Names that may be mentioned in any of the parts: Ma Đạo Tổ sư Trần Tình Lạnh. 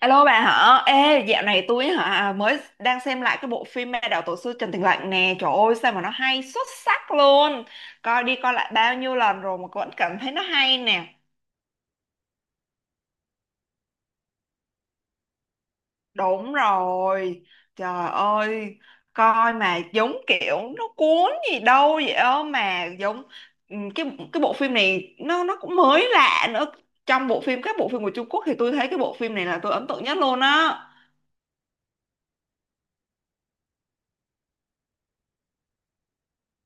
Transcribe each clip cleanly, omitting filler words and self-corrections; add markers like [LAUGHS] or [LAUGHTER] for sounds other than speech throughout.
Alo bà hả? Ê, dạo này tôi mới đang xem lại cái bộ phim Ma Đạo Tổ Sư Trần Tình Lạnh nè. Trời ơi, sao mà nó hay xuất sắc luôn. Coi đi coi lại bao nhiêu lần rồi mà vẫn cảm thấy nó hay nè. Đúng rồi. Trời ơi, coi mà giống kiểu nó cuốn gì đâu vậy đó, mà giống ừ, cái cái bộ phim này nó cũng mới lạ nữa. Trong bộ phim Các bộ phim của Trung Quốc thì tôi thấy cái bộ phim này là tôi ấn tượng nhất luôn á.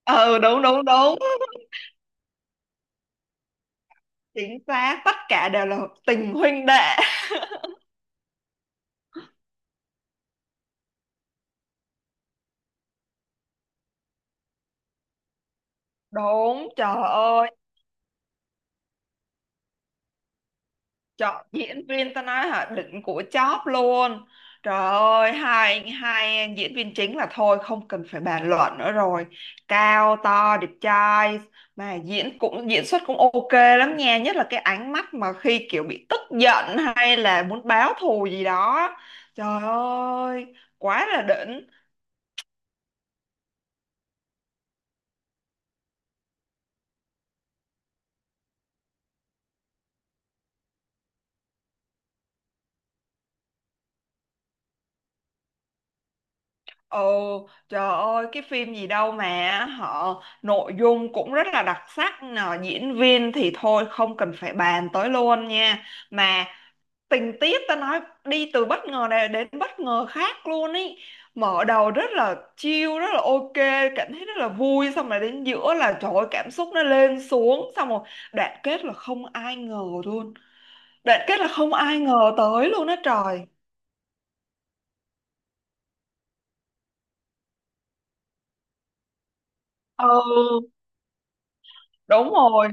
Ừ, đúng, đúng, đúng. Chính xác, tất cả đều là tình huynh đệ. Đúng, trời ơi, chọn diễn viên ta nói đỉnh của chóp luôn. Trời ơi, hai hai diễn viên chính là thôi không cần phải bàn luận nữa rồi. Cao to đẹp trai, mà diễn xuất cũng ok lắm nha, nhất là cái ánh mắt mà khi kiểu bị tức giận hay là muốn báo thù gì đó. Trời ơi, quá là đỉnh. Ồ, trời ơi, cái phim gì đâu mà họ nội dung cũng rất là đặc sắc nè, diễn viên thì thôi không cần phải bàn tới luôn nha. Mà tình tiết ta nói đi từ bất ngờ này đến bất ngờ khác luôn ý. Mở đầu rất là chill, rất là ok, cảm thấy rất là vui, xong rồi đến giữa là trời ơi, cảm xúc nó lên xuống, xong rồi đoạn kết là không ai ngờ luôn. Đoạn kết là không ai ngờ tới luôn á trời. Ừ, đúng rồi.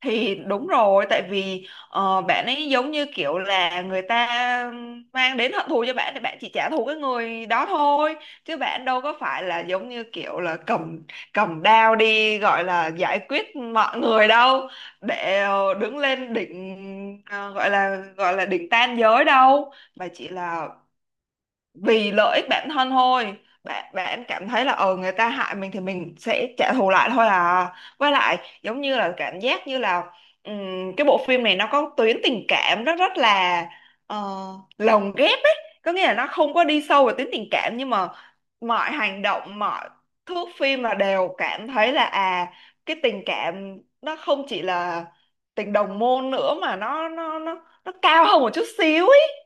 Thì đúng rồi, tại vì bạn ấy giống như kiểu là người ta mang đến hận thù cho bạn thì bạn chỉ trả thù cái người đó thôi, chứ bạn đâu có phải là giống như kiểu là cầm cầm đao đi gọi là giải quyết mọi người đâu. Để đứng lên đỉnh, gọi là đỉnh tam giới đâu, mà chỉ là vì lợi ích bản thân thôi. Bạn bạn cảm thấy là người ta hại mình thì mình sẽ trả thù lại thôi à. Với lại giống như là cảm giác như là cái bộ phim này nó có tuyến tình cảm rất rất là uh, lồng ghép ấy. Có nghĩa là nó không có đi sâu vào tuyến tình cảm, nhưng mà mọi hành động, mọi thước phim là đều cảm thấy là cái tình cảm nó không chỉ là tình đồng môn nữa, mà nó cao hơn một chút xíu ấy.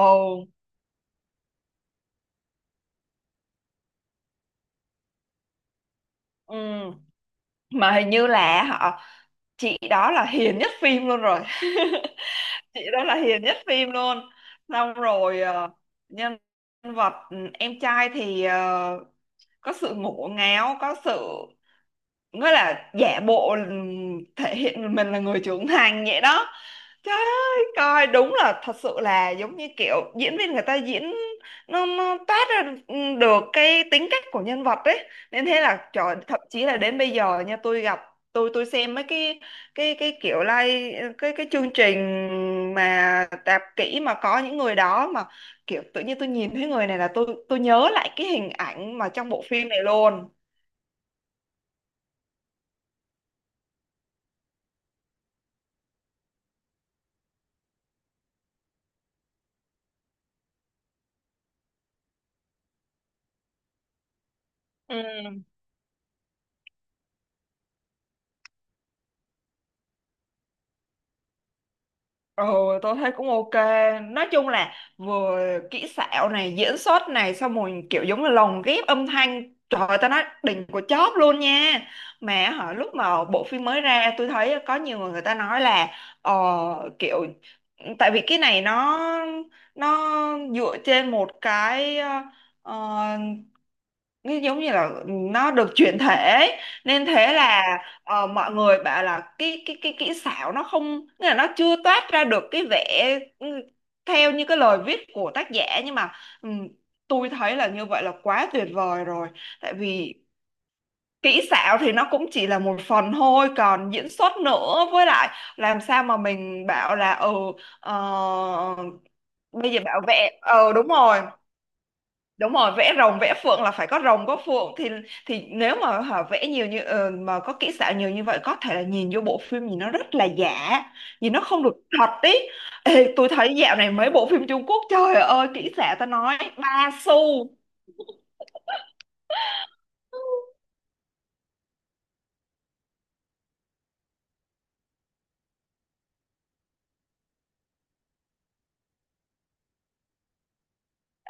Ồ. Ừ. Mà hình như là chị đó là hiền nhất phim luôn rồi. [LAUGHS] Chị đó là hiền nhất phim luôn. Xong rồi nhân vật, em trai thì có sự ngổ ngáo, có sự nghĩa là giả bộ, thể hiện mình là người trưởng thành vậy đó. Trời ơi, coi đúng là thật sự là giống như kiểu diễn viên người ta diễn, nó toát ra được cái tính cách của nhân vật ấy, nên thế là trời, thậm chí là đến bây giờ nha, tôi xem mấy cái kiểu like cái chương trình mà tạp kỹ, mà có những người đó mà kiểu tự nhiên tôi nhìn thấy người này là tôi nhớ lại cái hình ảnh mà trong bộ phim này luôn. Ừ. Ừ, tôi thấy cũng ok. Nói chung là vừa kỹ xảo này, diễn xuất này, xong rồi kiểu giống là lồng ghép âm thanh. Trời ơi, tao nói đỉnh của chóp luôn nha. Mà lúc mà bộ phim mới ra, tôi thấy có nhiều người người ta nói là ờ, kiểu tại vì cái này nó dựa trên một cái, ờ, nó giống như là nó được chuyển thể ấy. Nên thế là mọi người bảo là cái kỹ xảo nó không nghĩa là nó chưa toát ra được cái vẻ, ừ, theo như cái lời viết của tác giả, nhưng mà ừm, tôi thấy là như vậy là quá tuyệt vời rồi. Tại vì kỹ xảo thì nó cũng chỉ là một phần thôi, còn diễn xuất nữa, với lại làm sao mà mình bảo là ờ, bây giờ bảo vệ, đúng rồi. Đúng rồi, vẽ rồng vẽ phượng là phải có rồng có phượng, thì nếu mà vẽ nhiều như, mà có kỹ xảo nhiều như vậy có thể là nhìn vô bộ phim nhìn nó rất là giả, nhìn nó không được thật ý. Ê, tôi thấy dạo này mấy bộ phim Trung Quốc trời ơi kỹ xảo ta nói ba xu.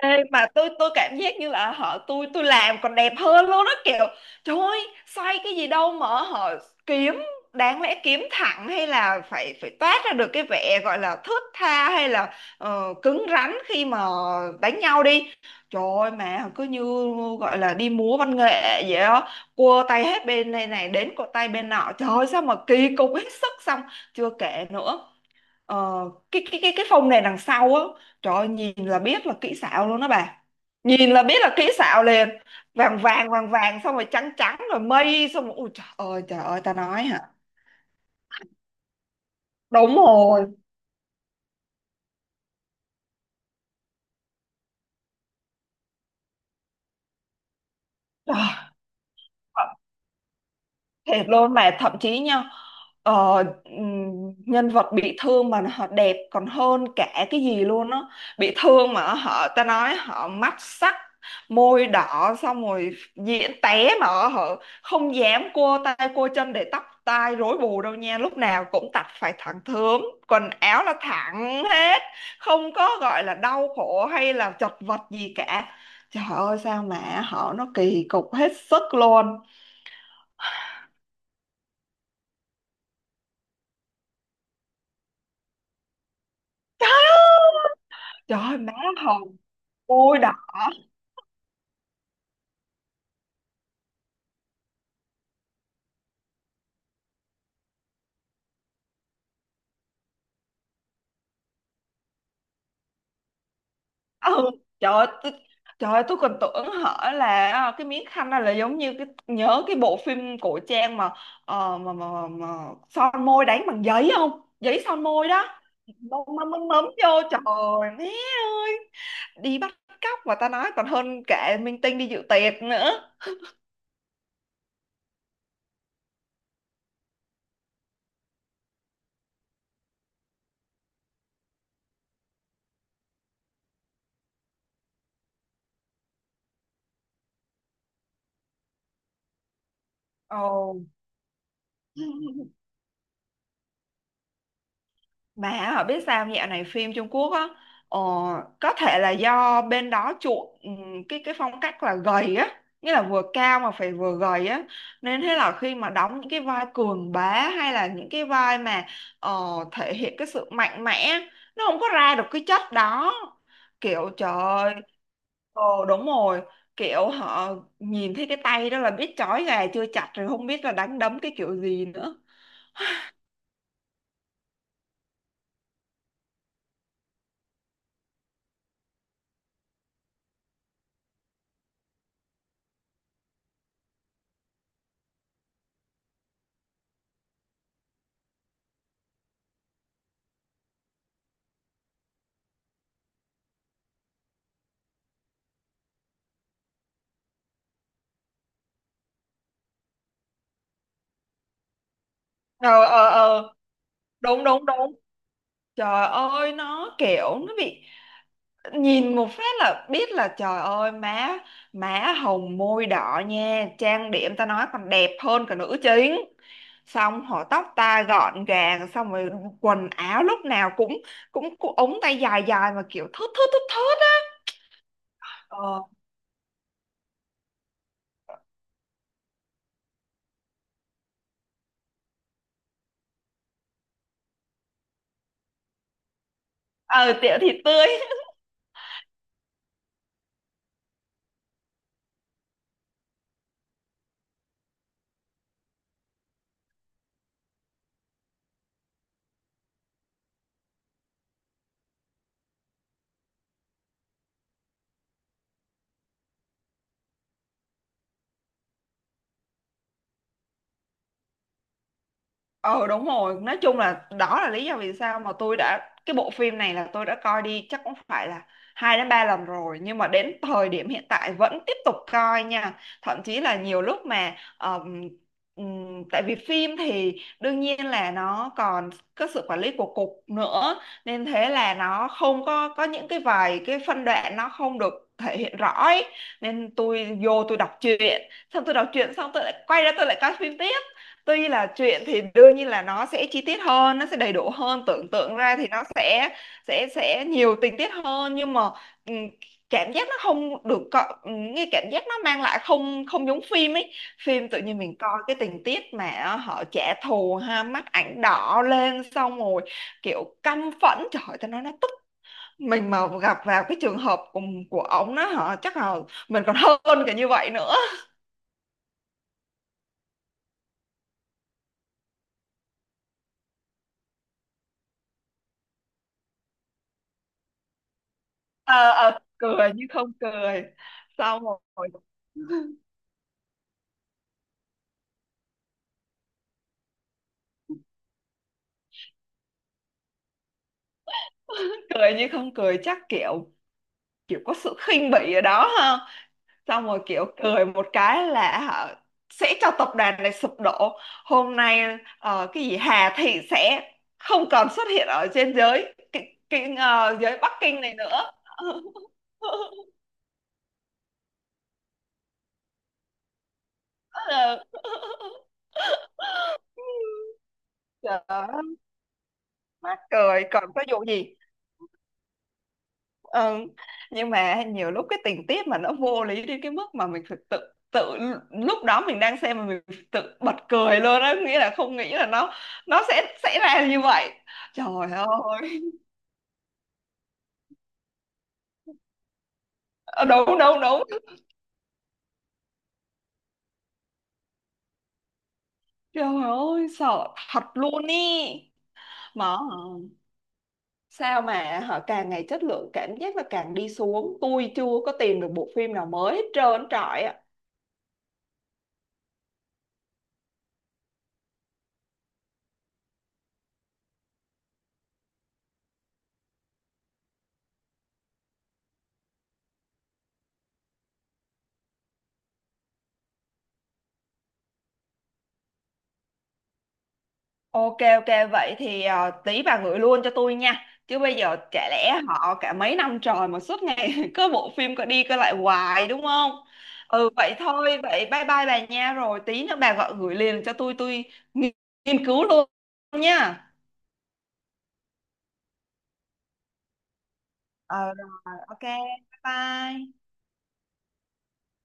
Ê, mà tôi cảm giác như là tôi làm còn đẹp hơn luôn đó kiểu. Trời ơi xoay cái gì đâu mà họ kiếm, đáng lẽ kiếm thẳng hay là phải phải toát ra được cái vẻ gọi là thướt tha, hay là cứng rắn khi mà đánh nhau đi. Trời ơi mà cứ như gọi là đi múa văn nghệ vậy đó, cua tay hết bên này này đến cột tay bên nọ, trời ơi sao mà kỳ cục hết sức. Xong chưa kể nữa, Ờ, cái phông này đằng sau á, trời ơi, nhìn là biết là kỹ xảo luôn đó bà. Nhìn là biết là kỹ xảo liền, vàng vàng vàng vàng xong rồi trắng trắng rồi mây, xong rồi ui trời ơi, trời ơi, ta nói hả. Đúng rồi. Trời. Thiệt luôn mà thậm chí nha, ờ, nhân vật bị thương mà họ đẹp còn hơn cả cái gì luôn á. Bị thương mà họ ta nói họ mắt sắc, môi đỏ, xong rồi diễn té mà họ không dám cua tay cua chân để tóc tai rối bù đâu nha, lúc nào cũng tặt phải thẳng thớm, quần áo là thẳng hết, không có gọi là đau khổ hay là chật vật gì cả. Trời ơi sao mà họ nó kỳ cục hết sức luôn. Trời ơi, má hồng, môi đỏ. Ừ, trời ơi, trời ơi, tôi còn tưởng hở là cái miếng khăn này là giống như nhớ cái bộ phim cổ trang mà, mà son môi đánh bằng giấy không? Giấy son môi đó. Mắm mắm mắm mấm vô, trời ơi, má ơi. Đi bắt cóc mà ta nói còn hơn cả minh tinh đi dự tiệc nữa. Ồ. [LAUGHS] Mà biết sao dạo này phim Trung Quốc á, ờ, có thể là do bên đó chuộng cái phong cách là gầy á, nghĩa là vừa cao mà phải vừa gầy á, nên thế là khi mà đóng những cái vai cường bá hay là những cái vai mà ờ, thể hiện cái sự mạnh mẽ nó không có ra được cái chất đó, kiểu trời ơi. Ồ đúng rồi. Kiểu họ nhìn thấy cái tay đó là biết trói gà chưa chặt rồi, không biết là đánh đấm cái kiểu gì nữa. Ờ, ờ, ờ, đúng, đúng, đúng. Trời ơi nó kiểu nó bị nhìn một phát là biết là trời ơi má má hồng môi đỏ nha, trang điểm ta nói còn đẹp hơn cả nữ chính. Xong họ tóc ta gọn gàng, xong rồi quần áo lúc nào cũng cũng ống tay dài dài mà kiểu thướt thướt thướt thướt á. ờ ờ, Tiểu thì tươi. Ờ đúng rồi, nói chung là đó là lý do vì sao mà tôi đã cái bộ phim này là tôi đã coi đi chắc cũng phải là 2 đến 3 lần rồi, nhưng mà đến thời điểm hiện tại vẫn tiếp tục coi nha. Thậm chí là nhiều lúc mà tại vì phim thì đương nhiên là nó còn có sự quản lý của cục nữa, nên thế là nó không có những cái vài cái phân đoạn nó không được thể hiện rõ ấy. Nên tôi đọc truyện, xong tôi đọc truyện xong tôi lại quay ra tôi lại coi phim tiếp. Tuy là chuyện thì đương nhiên là nó sẽ chi tiết hơn, nó sẽ đầy đủ hơn, tưởng tượng ra thì nó sẽ nhiều tình tiết hơn, nhưng mà ừm, cảm giác nó không được có, cái cảm giác nó mang lại không không giống phim ấy. Phim tự nhiên mình coi cái tình tiết mà họ trả thù ha, mắt ảnh đỏ lên, xong rồi kiểu căm phẫn, trời ơi, tao nói nó tức. Mình mà gặp vào cái trường hợp của ổng đó hả, chắc là mình còn hơn cả như vậy nữa. Ờ Cười như không cười, xong rồi. Cười nhưng không cười chắc kiểu kiểu có sự khinh bỉ ở đó ha. Xong rồi kiểu cười một cái là sẽ cho tập đoàn này sụp đổ. Hôm nay cái gì Hà Thị sẽ không còn xuất hiện ở trên giới, giới Bắc Kinh này nữa. [LAUGHS] Ờ, trời ơi, mắc cười còn có vụ gì. Ừ. Nhưng mà nhiều lúc cái tình tiết mà nó vô lý đến cái mức mà mình thực tự tự lúc đó mình đang xem mà mình tự bật cười luôn á, nghĩa là không nghĩ là nó sẽ xảy ra như vậy. Trời ơi. Ờ, đúng, đúng, đúng. Trời ơi sợ thật luôn ý. Mà sao mà họ càng ngày chất lượng cảm giác là càng đi xuống, tôi chưa có tìm được bộ phim nào mới hết trơn trọi. Ok ok, vậy thì tí bà gửi luôn cho tôi nha, chứ bây giờ chả lẽ họ cả mấy năm trời mà suốt ngày [LAUGHS] cứ bộ phim cứ đi cứ lại hoài đúng không. Ừ vậy thôi, vậy bye bye bà nha, rồi tí nữa bà gọi gửi liền cho tôi nghi- nghiên cứu luôn nha. Ờ rồi ok, bye bye.